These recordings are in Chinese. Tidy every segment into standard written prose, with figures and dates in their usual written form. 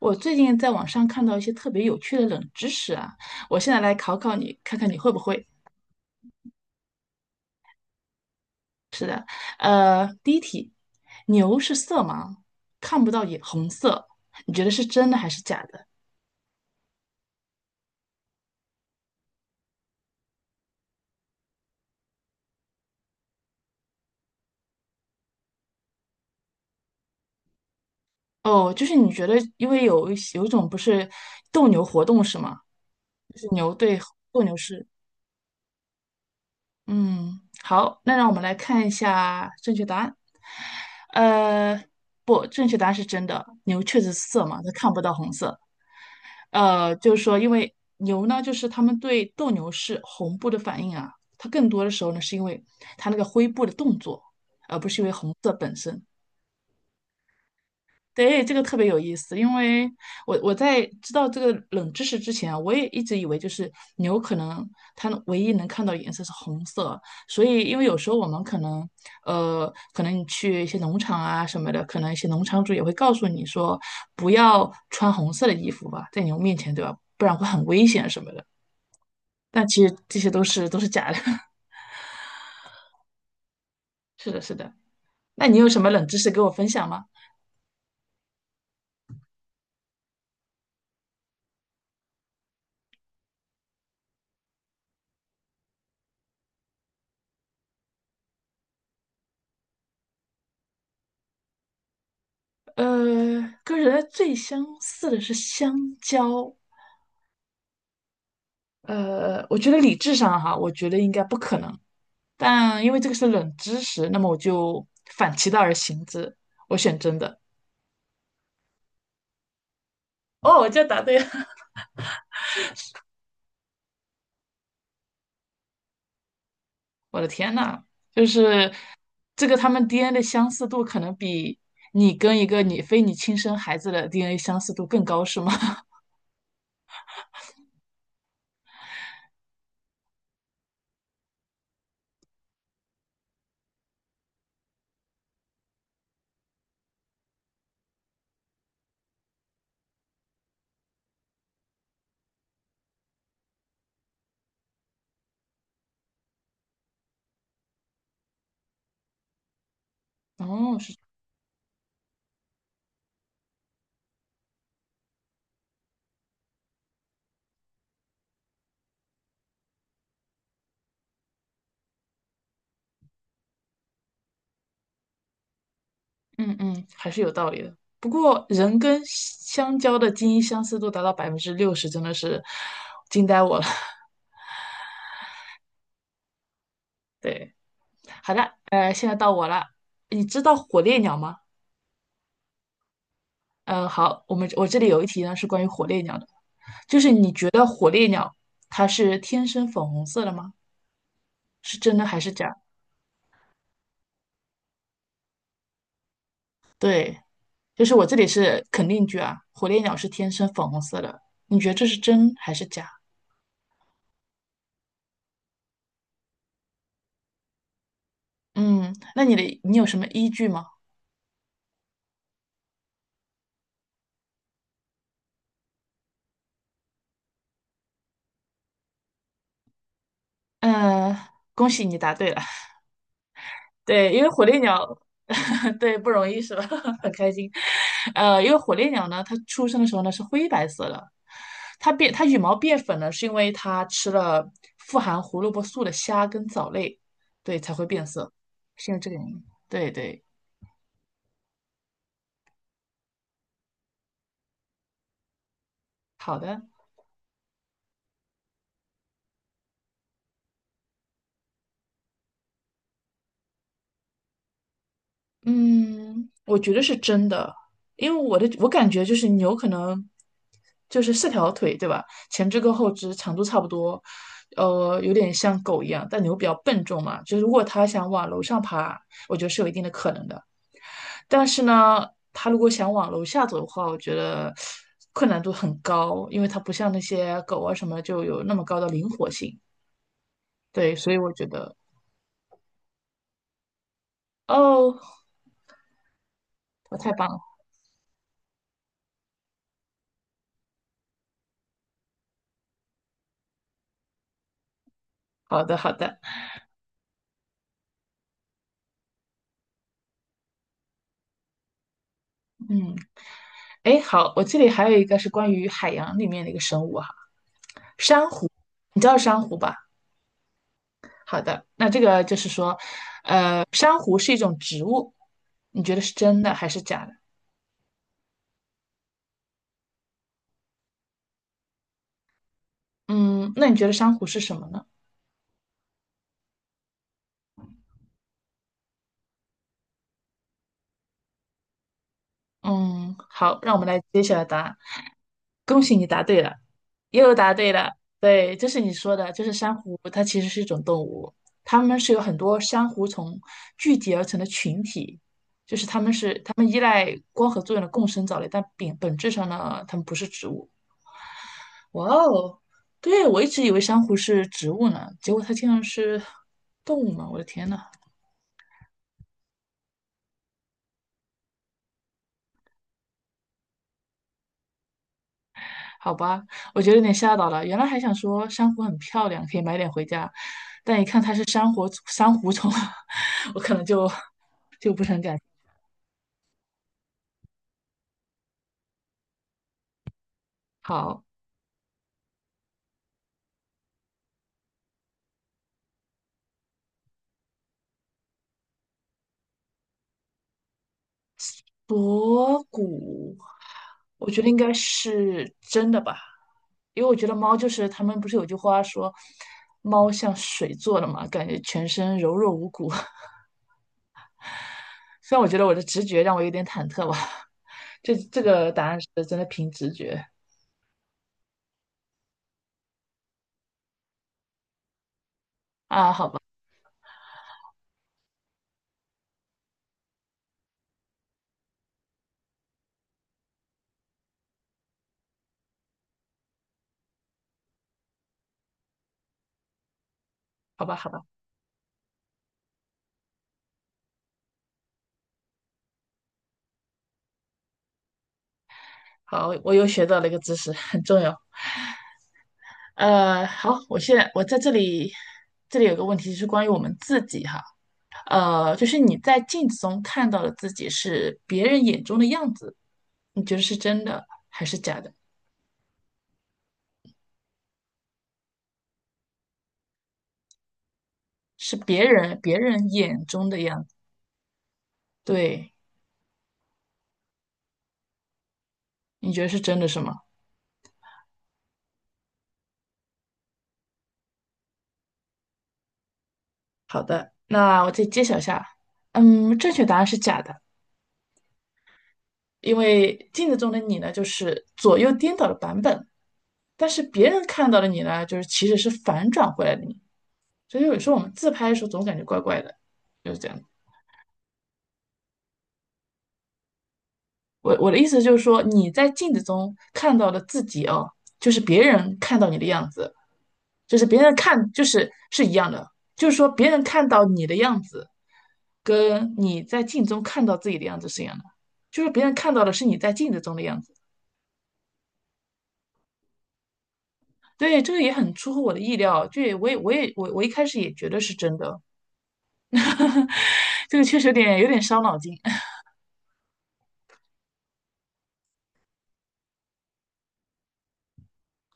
我最近在网上看到一些特别有趣的冷知识啊，我现在来考考你，看看你会不会。第一题，牛是色盲，看不到也红色，你觉得是真的还是假的？哦，就是你觉得，因为有一种不是斗牛活动是吗？就是牛对斗牛士。嗯，好，那让我们来看一下正确答案。呃，不，正确答案是真的，牛确实是色盲，它看不到红色。就是说，因为牛呢，就是它们对斗牛士红布的反应啊，它更多的时候呢，是因为它那个灰布的动作，而不是因为红色本身。对，这个特别有意思，因为我在知道这个冷知识之前啊，我也一直以为就是牛可能它唯一能看到颜色是红色，所以因为有时候我们可能可能你去一些农场啊什么的，可能一些农场主也会告诉你说不要穿红色的衣服吧，在牛面前，对吧？不然会很危险什么的。但其实这些都是假的。是的，是的。那你有什么冷知识给我分享吗？呃，跟人类最相似的是香蕉。我觉得理智上哈，我觉得应该不可能，但因为这个是冷知识，那么我就反其道而行之，我选真的。哦，我就答对了！我的天呐，就是这个他们 DNA 的相似度可能比你跟一个你非亲生孩子的 DNA 相似度更高，是吗？哦，是，嗯嗯，还是有道理的。不过人跟香蕉的基因相似度达到百分之六十，真的是惊呆我了。对。好的，现在到我了。你知道火烈鸟吗？嗯，好，我这里有一题呢，是关于火烈鸟的，就是你觉得火烈鸟它是天生粉红色的吗？是真的还是假？对，就是我这里是肯定句啊，火烈鸟是天生粉红色的，你觉得这是真还是假？嗯，那你有什么依据吗？呃，恭喜你答对了。对，因为火烈鸟，对，不容易是吧？很开心。因为火烈鸟呢，它出生的时候呢是灰白色的，它羽毛变粉呢，是因为它吃了富含胡萝卜素的虾跟藻类，对，才会变色，是因为这个原因。对对，好的。嗯，我觉得是真的，因为我感觉就是牛可能就是四条腿，对吧？前肢跟后肢长度差不多，有点像狗一样，但牛比较笨重嘛，就是如果它想往楼上爬，我觉得是有一定的可能的。但是呢，它如果想往楼下走的话，我觉得困难度很高，因为它不像那些狗啊什么就有那么高的灵活性。对，所以我觉得，哦，我太棒了，好的好的，嗯。哎，好，我这里还有一个是关于海洋里面的一个生物哈，珊瑚，你知道珊瑚吧？好的，那这个就是说，珊瑚是一种植物，你觉得是真的还是假的？嗯，那你觉得珊瑚是什么呢？嗯，好，让我们来揭晓答案。恭喜你答对了，又答对了。对，就是你说的，就是珊瑚，它其实是一种动物，它们是由很多珊瑚虫聚集而成的群体，它们依赖光合作用的共生藻类，但本质上呢，它们不是植物。哇哦，对，我一直以为珊瑚是植物呢，结果它竟然是动物嘛！我的天呐，好吧，我觉得有点吓到了。原来还想说珊瑚很漂亮，可以买点回家，但一看它是珊瑚虫啊，我可能就不是很感。好，博古，我觉得应该是真的吧，因为我觉得猫就是他们不是有句话说，猫像水做的嘛，感觉全身柔弱无骨。虽然我觉得我的直觉让我有点忐忑吧，这个答案是真的凭直觉啊，好吧，好吧，好吧，好，我又学到了一个知识，很重要。好，我现在在这里，这里有个问题是关于我们自己哈。就是你在镜子中看到的自己是别人眼中的样子，你觉得是真的还是假的？是别人眼中的样子，对，你觉得是真的是吗？好的，那我再揭晓一下，嗯，正确答案是假的，因为镜子中的你呢，就是左右颠倒的版本，但是别人看到的你呢，就是其实是反转回来的你，所以有时候我们自拍的时候总感觉怪怪的，就是这样。我的意思就是说，你在镜子中看到的自己哦，就是别人看到你的样子，就是别人看就是是一样的，就是说别人看到你的样子，跟你在镜中看到自己的样子是一样的，就是别人看到的是你在镜子中的样子。对，这个也很出乎我的意料，就也我也我也我我一开始也觉得是真的，这个确实有点伤脑筋。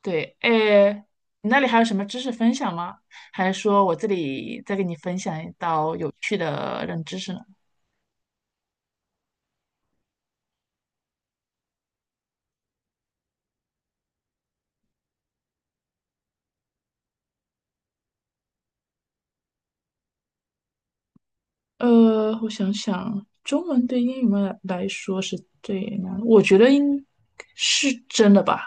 对，诶，你那里还有什么知识分享吗？还是说我这里再给你分享一道有趣的冷知识呢？我想想，中文对英语们来说是最难的我觉得应是真的吧，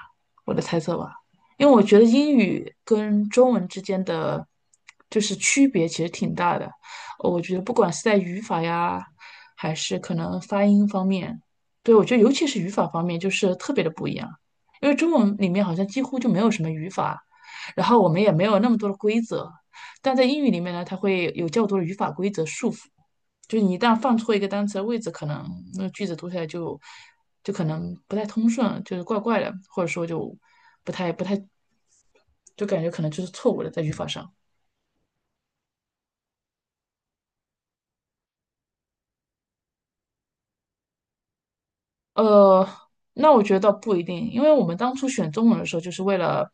我的猜测吧，因为我觉得英语跟中文之间的就是区别其实挺大的，我觉得不管是在语法呀，还是可能发音方面，对，我觉得尤其是语法方面就是特别的不一样，因为中文里面好像几乎就没有什么语法，然后我们也没有那么多的规则，但在英语里面呢，它会有较多的语法规则束缚。就是你一旦放错一个单词的位置，可能那个句子读起来就就可能不太通顺，就是怪怪的，或者说就不太，就感觉可能就是错误的在语法上。呃，那我觉得倒不一定，因为我们当初选中文的时候，就是为了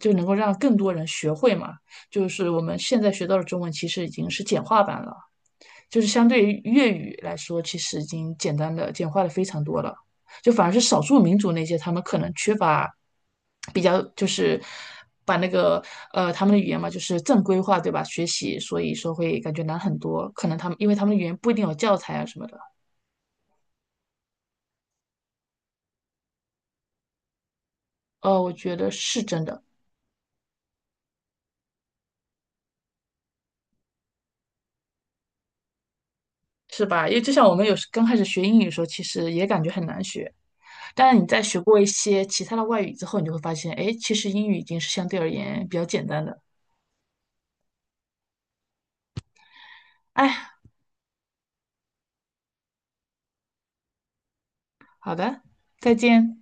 就能够让更多人学会嘛。就是我们现在学到的中文，其实已经是简化版了。就是相对于粤语来说，其实已经简单的简化的非常多了。就反而是少数民族那些，他们可能缺乏比较，就是把那个他们的语言嘛，就是正规化，对吧？学习，所以说会感觉难很多。可能他们因为他们的语言不一定有教材啊什么的。我觉得是真的，是吧？因为就像我们有时刚开始学英语的时候，其实也感觉很难学。但是你在学过一些其他的外语之后，你就会发现，哎，其实英语已经是相对而言比较简单的。哎，好的，再见。